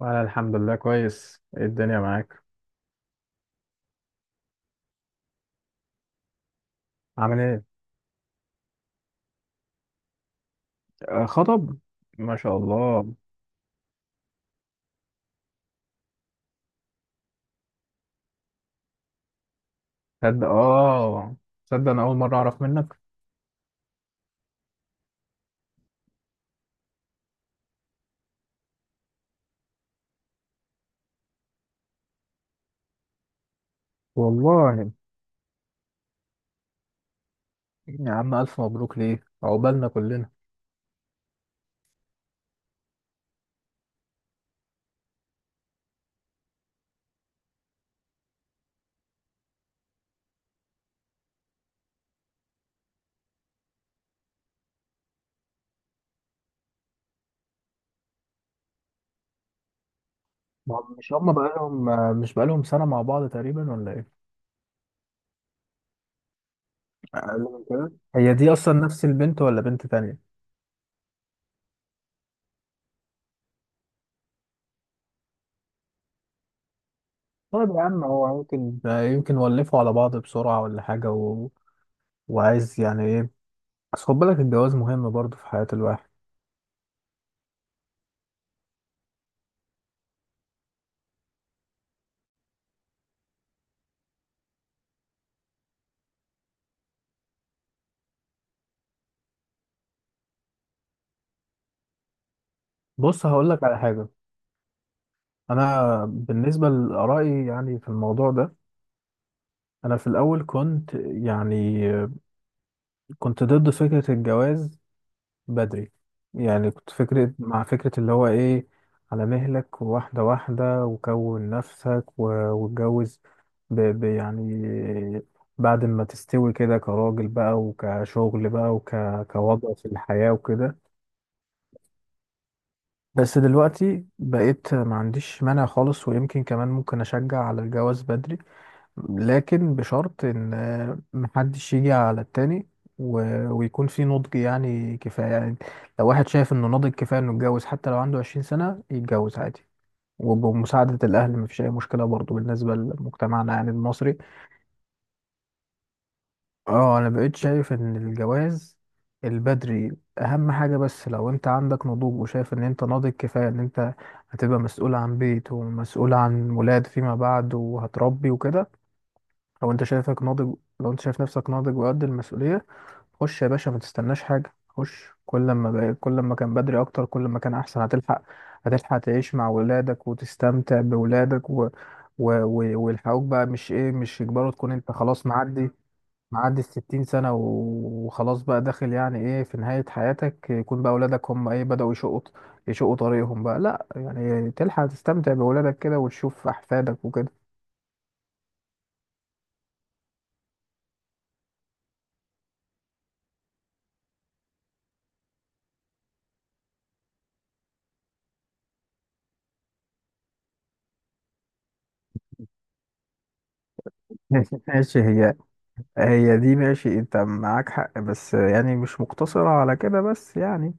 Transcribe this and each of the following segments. وانا الحمد لله كويس، ايه الدنيا معاك؟ عامل ايه؟ خطب. ما شاء الله. تصدق؟ اه، تصدق انا اول مره اعرف منك. والله. يا عم، الف مبروك ليه، عقبالنا كلنا. ما هم- مش بقالهم سنه مع بعض تقريبا ولا ايه؟ اقل من كده؟ هي دي اصلا نفس البنت ولا بنت تانية؟ طيب يا عم، هو يمكن ولفوا على بعض بسرعه ولا حاجه وعايز يعني ايه؟ بس خد بالك، الجواز مهم برضه في حياه الواحد. بص، هقول لك على حاجه. انا بالنسبه لارائي يعني في الموضوع ده، انا في الاول كنت ضد فكره الجواز بدري. يعني كنت مع فكره اللي هو ايه، على مهلك، واحده واحده، وكون نفسك واتجوز، ب ب يعني بعد ما تستوي كده كراجل بقى، وكشغل بقى، كوضع في الحياه وكده. بس دلوقتي بقيت ما عنديش مانع خالص، ويمكن كمان ممكن اشجع على الجواز بدري، لكن بشرط ان محدش يجي على التاني و... ويكون في نضج يعني، كفاية يعني. لو واحد شايف انه ناضج كفاية انه يتجوز، حتى لو عنده 20 سنة، يتجوز عادي. وبمساعدة الأهل مفيش أي مشكلة برضو بالنسبة لمجتمعنا يعني المصري. اه، أنا بقيت شايف إن الجواز البدري أهم حاجة، بس لو أنت عندك نضوج وشايف إن أنت ناضج كفاية، إن أنت هتبقى مسؤول عن بيت ومسؤول عن ولاد فيما بعد، وهتربي وكده. لو انت شايفك ناضج، لو انت شايف نفسك ناضج وقد المسؤولية، خش يا باشا، ما تستناش حاجة. خش، كل ما كل ما كان بدري اكتر، كل ما كان احسن. هتلحق تعيش مع ولادك وتستمتع بولادك ويلحقوك بقى، مش ايه، مش يجبروا تكون انت خلاص معدي، معدي ال 60 سنة وخلاص بقى داخل يعني ايه، في نهاية حياتك، يكون بقى ولادك هم ايه، بدأوا يشقوا طريقهم بقى. لا يعني تلحق تستمتع بولادك كده وتشوف احفادك وكده. ماشي. هي دي ماشي، انت معاك حق، بس يعني مش مقتصرة على كده بس يعني.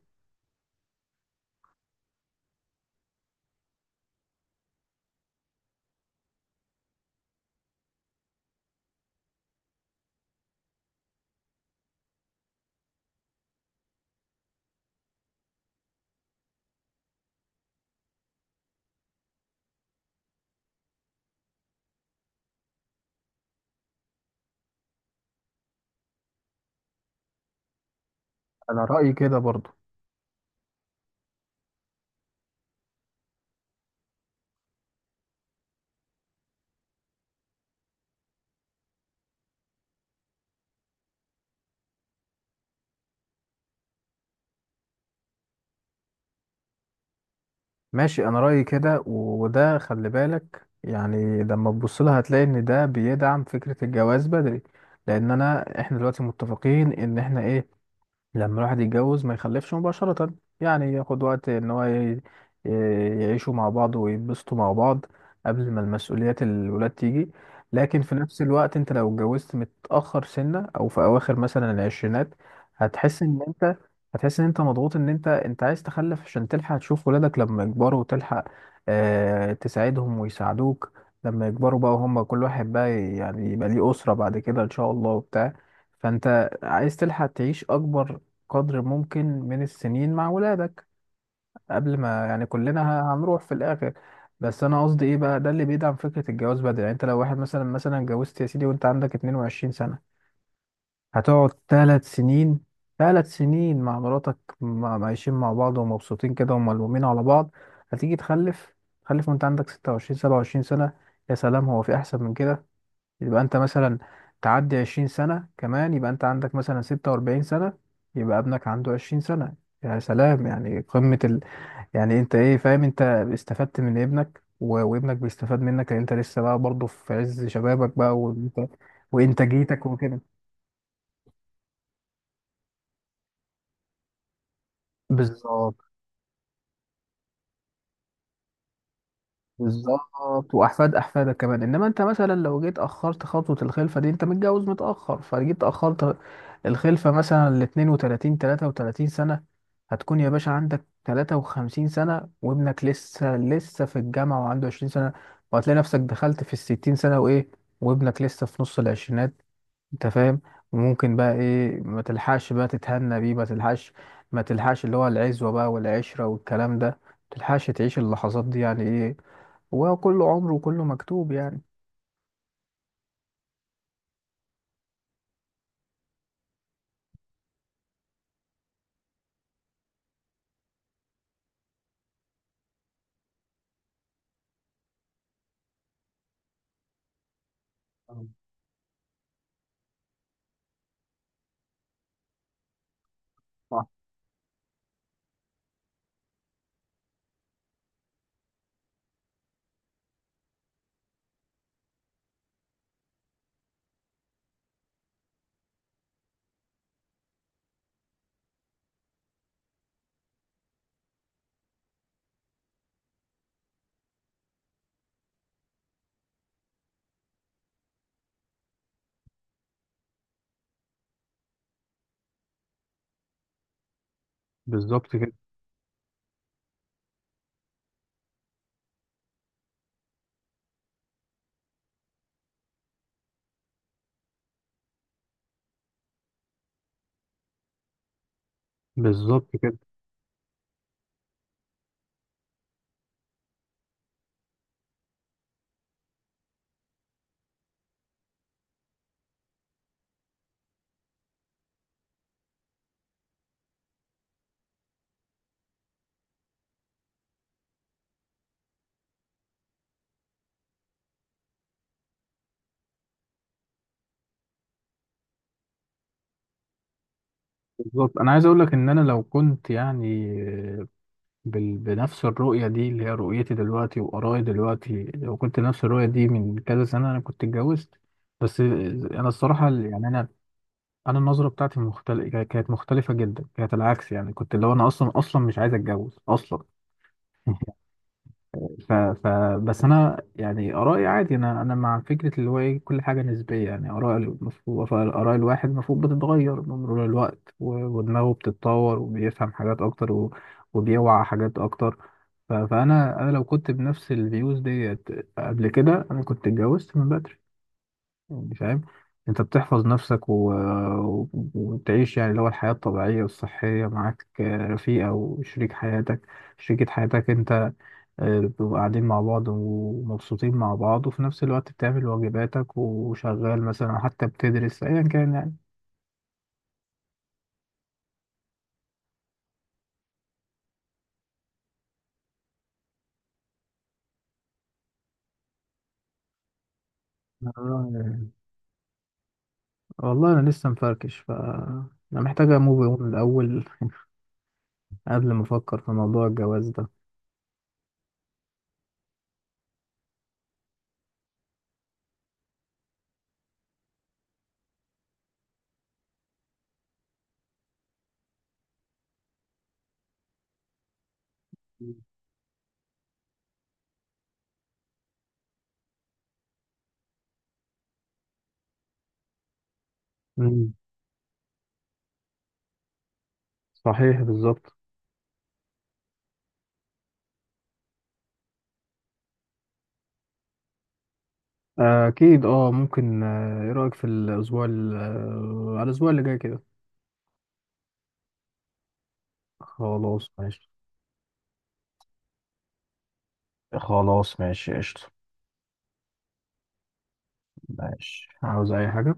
انا رأيي كده برضو. ماشي، انا رأيي كده وده خلي بالك يعني، لما تبص لها هتلاقي ان ده بيدعم فكرة الجواز بدري. لان احنا دلوقتي متفقين ان احنا ايه، لما الواحد يتجوز ما يخلفش مباشرة، يعني ياخد وقت ان هو يعيشوا مع بعض ويتبسطوا مع بعض قبل ما المسؤوليات الولاد تيجي. لكن في نفس الوقت انت لو اتجوزت متأخر سنة، او في اواخر مثلا العشرينات، هتحس ان انت هتحس ان انت مضغوط، ان انت عايز تخلف عشان تلحق تشوف ولادك لما يكبروا، وتلحق تساعدهم ويساعدوك لما يكبروا بقى، وهم كل واحد بقى يعني يبقى ليه أسرة بعد كده ان شاء الله وبتاع. فانت عايز تلحق تعيش اكبر قدر ممكن من السنين مع ولادك قبل ما يعني كلنا هنروح في الاخر. بس انا قصدي ايه بقى، ده اللي بيدعم فكره الجواز بدري. يعني انت لو واحد مثلا اتجوزت يا سيدي وانت عندك 22 سنه، هتقعد ثلاث سنين مع مراتك، عايشين مع بعض ومبسوطين كده، وملمومين على بعض. هتيجي تخلف وانت عندك 26 27 سنه. يا سلام، هو في احسن من كده؟ يبقى انت مثلا تعدي 20 سنة كمان، يبقى انت عندك مثلا 46 سنة، يبقى ابنك عنده 20 سنة. يا سلام، يعني قمة يعني انت ايه، فاهم انت استفدت من ابنك وابنك بيستفاد منك، لان انت لسه بقى برضه في عز شبابك بقى، وانت وانتاجيتك وكده. بالظبط. بالظبط، واحفاد احفادك كمان. انما انت مثلا لو جيت اخرت خطوه الخلفه دي، انت متجوز متاخر، فجيت اخرت الخلفه مثلا ل 32 33 سنه، هتكون يا باشا عندك 53 سنه، وابنك لسه في الجامعه وعنده 20 سنه، وهتلاقي نفسك دخلت في ال 60 سنه وايه، وابنك لسه في نص العشرينات. انت فاهم. وممكن بقى ايه، ما تلحقش بقى تتهنى بيه، ما تلحقش، ما تلحقش اللي هو العزوة بقى والعشرة والكلام ده، ما تلحقش تعيش اللحظات دي، يعني ايه، هو كله عمر وكله مكتوب يعني. صح. بالظبط كده بالظبط كده. بالظبط، انا عايز اقول لك ان انا لو كنت يعني بنفس الرؤيه دي اللي هي رؤيتي دلوقتي وارائي دلوقتي، لو كنت نفس الرؤيه دي من كذا سنه، انا كنت اتجوزت. بس انا الصراحه يعني انا النظره بتاعتي مختلفه، كانت مختلفه جدا، كانت العكس، يعني كنت اللي هو انا اصلا مش عايز اتجوز اصلا. ف... ف... بس انا يعني ارائي عادي. انا مع فكره اللي هو ايه، كل حاجه نسبيه، يعني اراء المفروض، اراء الواحد المفروض بتتغير بمرور الوقت ودماغه بتتطور وبيفهم حاجات اكتر وبيوعى حاجات اكتر. فانا لو كنت بنفس الفيوز ديت قبل كده، انا كنت اتجوزت من بدري. يعني فاهم، انت بتحفظ نفسك وتعيش يعني اللي هو الحياه الطبيعيه والصحيه، معاك رفيقه وشريك حياتك، شريكة حياتك انت. بتبقوا قاعدين مع بعض ومبسوطين مع بعض، وفي نفس الوقت بتعمل واجباتك، وشغال مثلا أو حتى بتدرس أيا كان يعني. آه. والله أنا لسه مفركش. ف أنا محتاج أموف أون من الأول قبل ما أفكر في موضوع الجواز ده. مم. صحيح، بالظبط. أكيد. أه، ممكن إيه رأيك في الأسبوع على الأسبوع اللي جاي كده؟ خلاص ماشي. خلاص ماشي، قشطة. ماشي، عاوز أي حاجة؟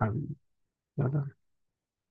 حبيبي. لا، لا.